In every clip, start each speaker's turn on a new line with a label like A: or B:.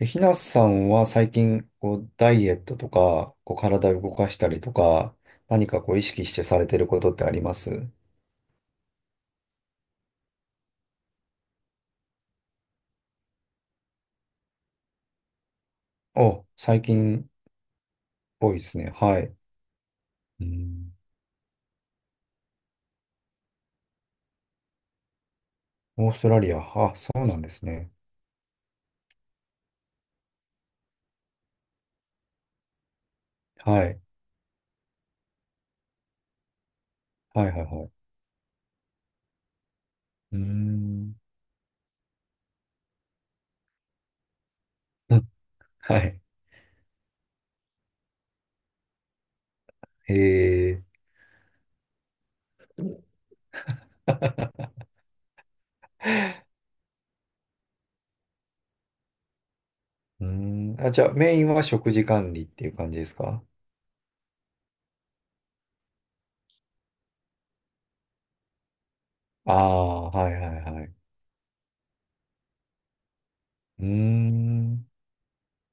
A: えひなさんは最近、ダイエットとか、体を動かしたりとか、何か意識してされてることってあります？お、最近多いですね。はい。うん。オーストラリア。あ、そうなんですね。はい。はいはいはい。うーん。うん、はい。へえ。うーん。あ、じゃあ、メインは食事管理っていう感じですか？ああー、はいはいはい。うーん。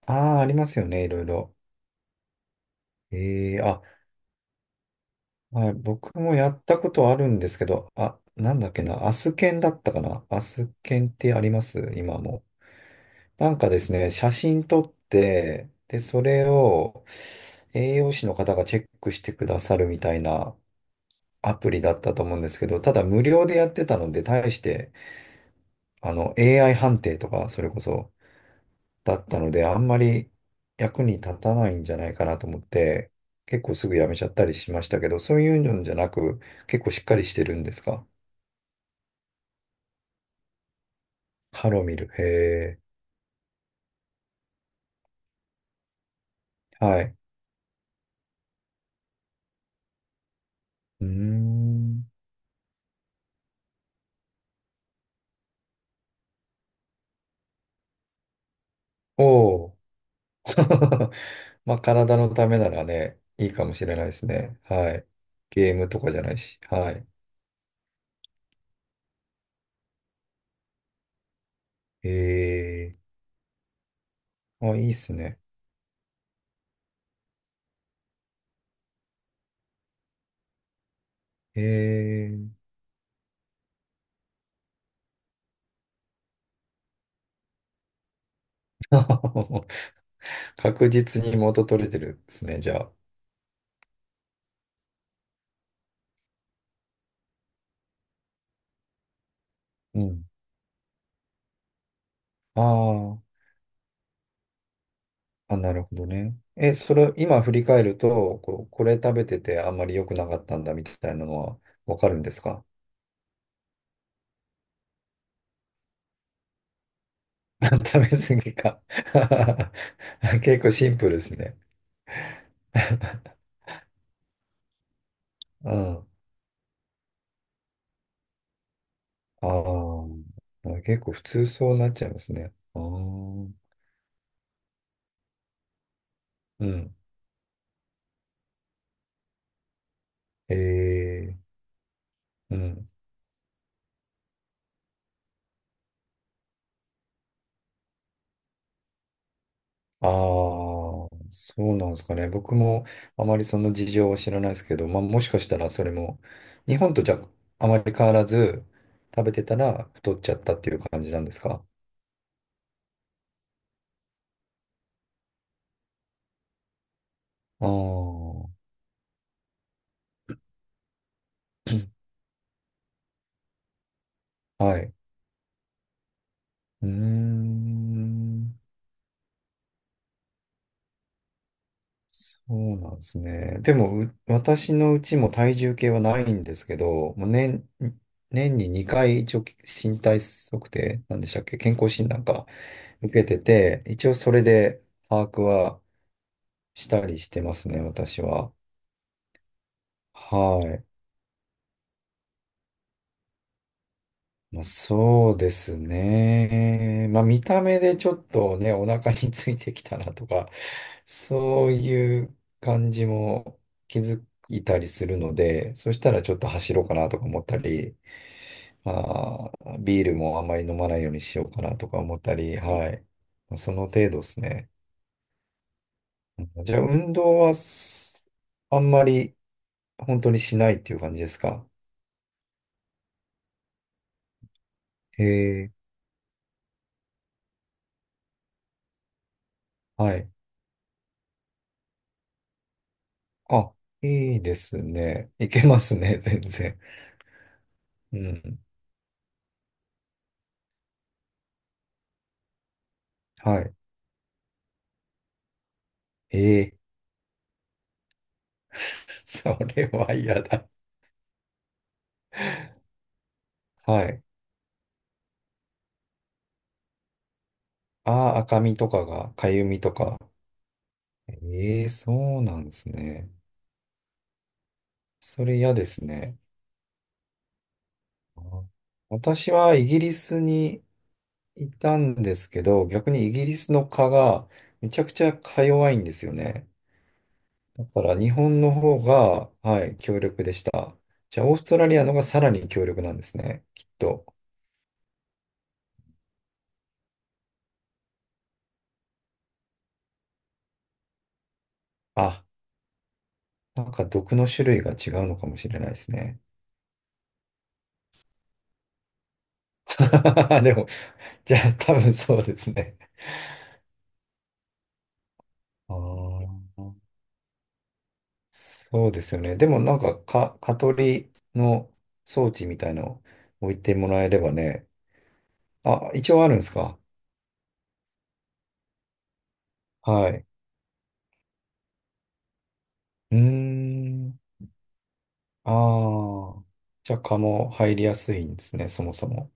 A: ああ、ありますよね、いろいろ。ええ、はい、僕もやったことあるんですけど、あ、なんだっけな、アスケンだったかな、アスケンってあります今も？なんかですね、写真撮って、で、それを栄養士の方がチェックしてくださるみたいなアプリだったと思うんですけど、ただ無料でやってたので、対して、あの、AI 判定とか、それこそ、だったので、あんまり役に立たないんじゃないかなと思って、結構すぐやめちゃったりしましたけど、そういうのじゃなく、結構しっかりしてるんですか？ハロミル。へえ。はい。うーん。おお。まあ、体のためならね、いいかもしれないですね。はい。ゲームとかじゃないし。はい。へえ。あ、いいっすね。へえ。確実に元取れてるですね、じゃあ。うん。ああ。あ、なるほどね。え、それ、今振り返ると、こう、これ食べててあんまり良くなかったんだみたいなのはわかるんですか？ 食べ過ぎか。 結構シンプルですね。うん。ああ、結構普通そうなっちゃいますね。ああ、うん。ええ、うん。ああ、そうなんですかね。僕もあまりその事情は知らないですけど、まあもしかしたらそれも、日本とじゃあまり変わらず食べてたら太っちゃったっていう感じなんですか？ああー、はい。うーん。そうなんですね。でも、う私のうちも体重計はないんですけど、もう年、年に2回一応身体測定、なんでしたっけ、健康診断か、受けてて、一応それで把握はしたりしてますね、私は。はい。まあ、そうですね。まあ、見た目でちょっとね、お腹についてきたなとか、そういう感じも気づいたりするので、そしたらちょっと走ろうかなとか思ったり、まあ、ビールもあんまり飲まないようにしようかなとか思ったり、はい。まあその程度ですね。じゃあ、運動はす、あんまり本当にしないっていう感じですか？へえ、はい。あ、いいですね。いけますね、全然。うん。はい。ええ。 それは嫌だ。はい。ああ、赤みとかが、かゆみとか。ええ、そうなんですね。それ嫌ですね。あ、私はイギリスにいたんですけど、逆にイギリスの蚊がめちゃくちゃか弱いんですよね。だから日本の方が、はい、強力でした。じゃあ、オーストラリアのがさらに強力なんですね。きっと。あ、なんか毒の種類が違うのかもしれないですね。でも、じゃあ多分そうですね。ああ、そうですよね。でもなんか、か、蚊取りの装置みたいの置いてもらえればね。あ、一応あるんですか？はい。うーん。ああ。じゃあ蚊も入りやすいんですね、そもそも。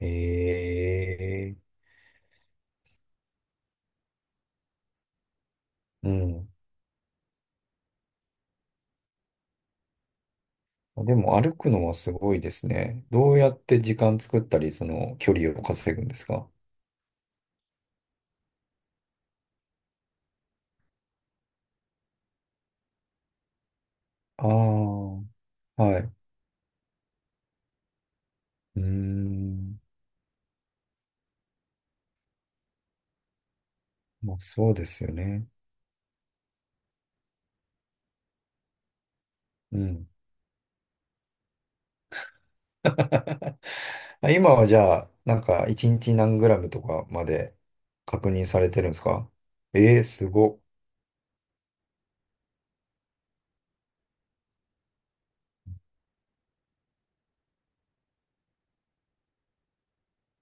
A: ええ、うん。でも歩くのはすごいですね。どうやって時間作ったり、その距離を稼ぐんですか？ああー。はい。うーん。まあ、そうですよね。うん。まあ今はじゃあ、なんか1日何グラムとかまで確認されてるんですか？えー、すごっ。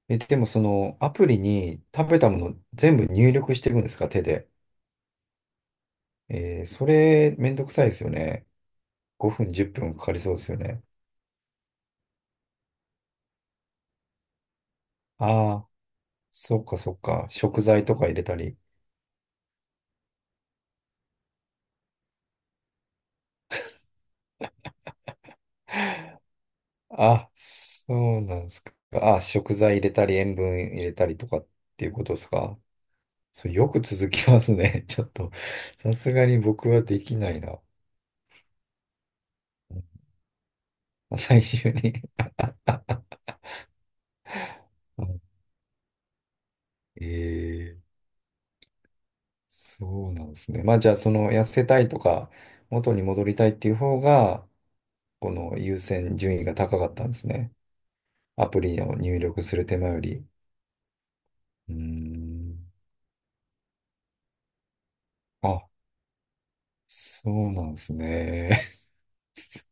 A: え、でもそのアプリに食べたもの全部入力していくんですか手で。えー、それめんどくさいですよね。5分、10分かかりそうですよね。ああ、そっかそっか。食材とか入れたり。あ、そうなんですか。あ、食材入れたり、塩分入れたりとかっていうことですか？それよく続きますね。ちょっと、さすがに僕はできないな。最終 に。はい、えー、そうなんですね。まあじゃあ、その痩せたいとか、元に戻りたいっていう方が、この優先順位が高かったんですね。アプリを入力する手間より。うーん。あ、そうなんですね。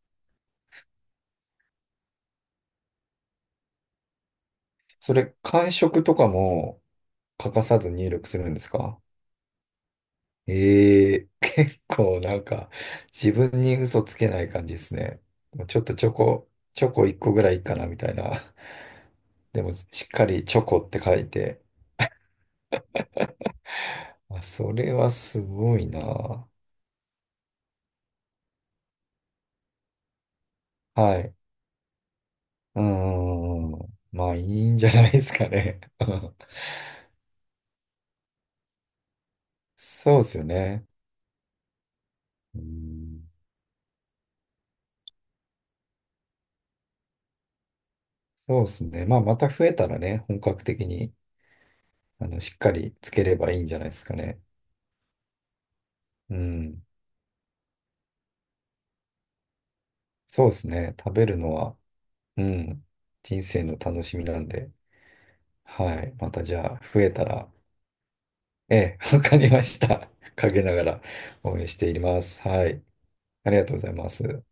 A: それ、感触とかも欠かさず入力するんですか？ええ。 結構なんか自分に嘘つけない感じですね。もうちょっとチョコ、チョコ1個ぐらいいいかなみたいな。でもしっかりチョコって書いて。あ、それはすごいな。はい。うーん。まあいいんじゃないですかね。そうですよね。うん、そうですね。まあまた増えたらね、本格的にあのしっかりつければいいんじゃないですかね。うん。そうですね。食べるのは。うん。人生の楽しみなんで。はい。またじゃあ、増えたら、ええ、わかりました。陰ながら応援しています。はい。ありがとうございます。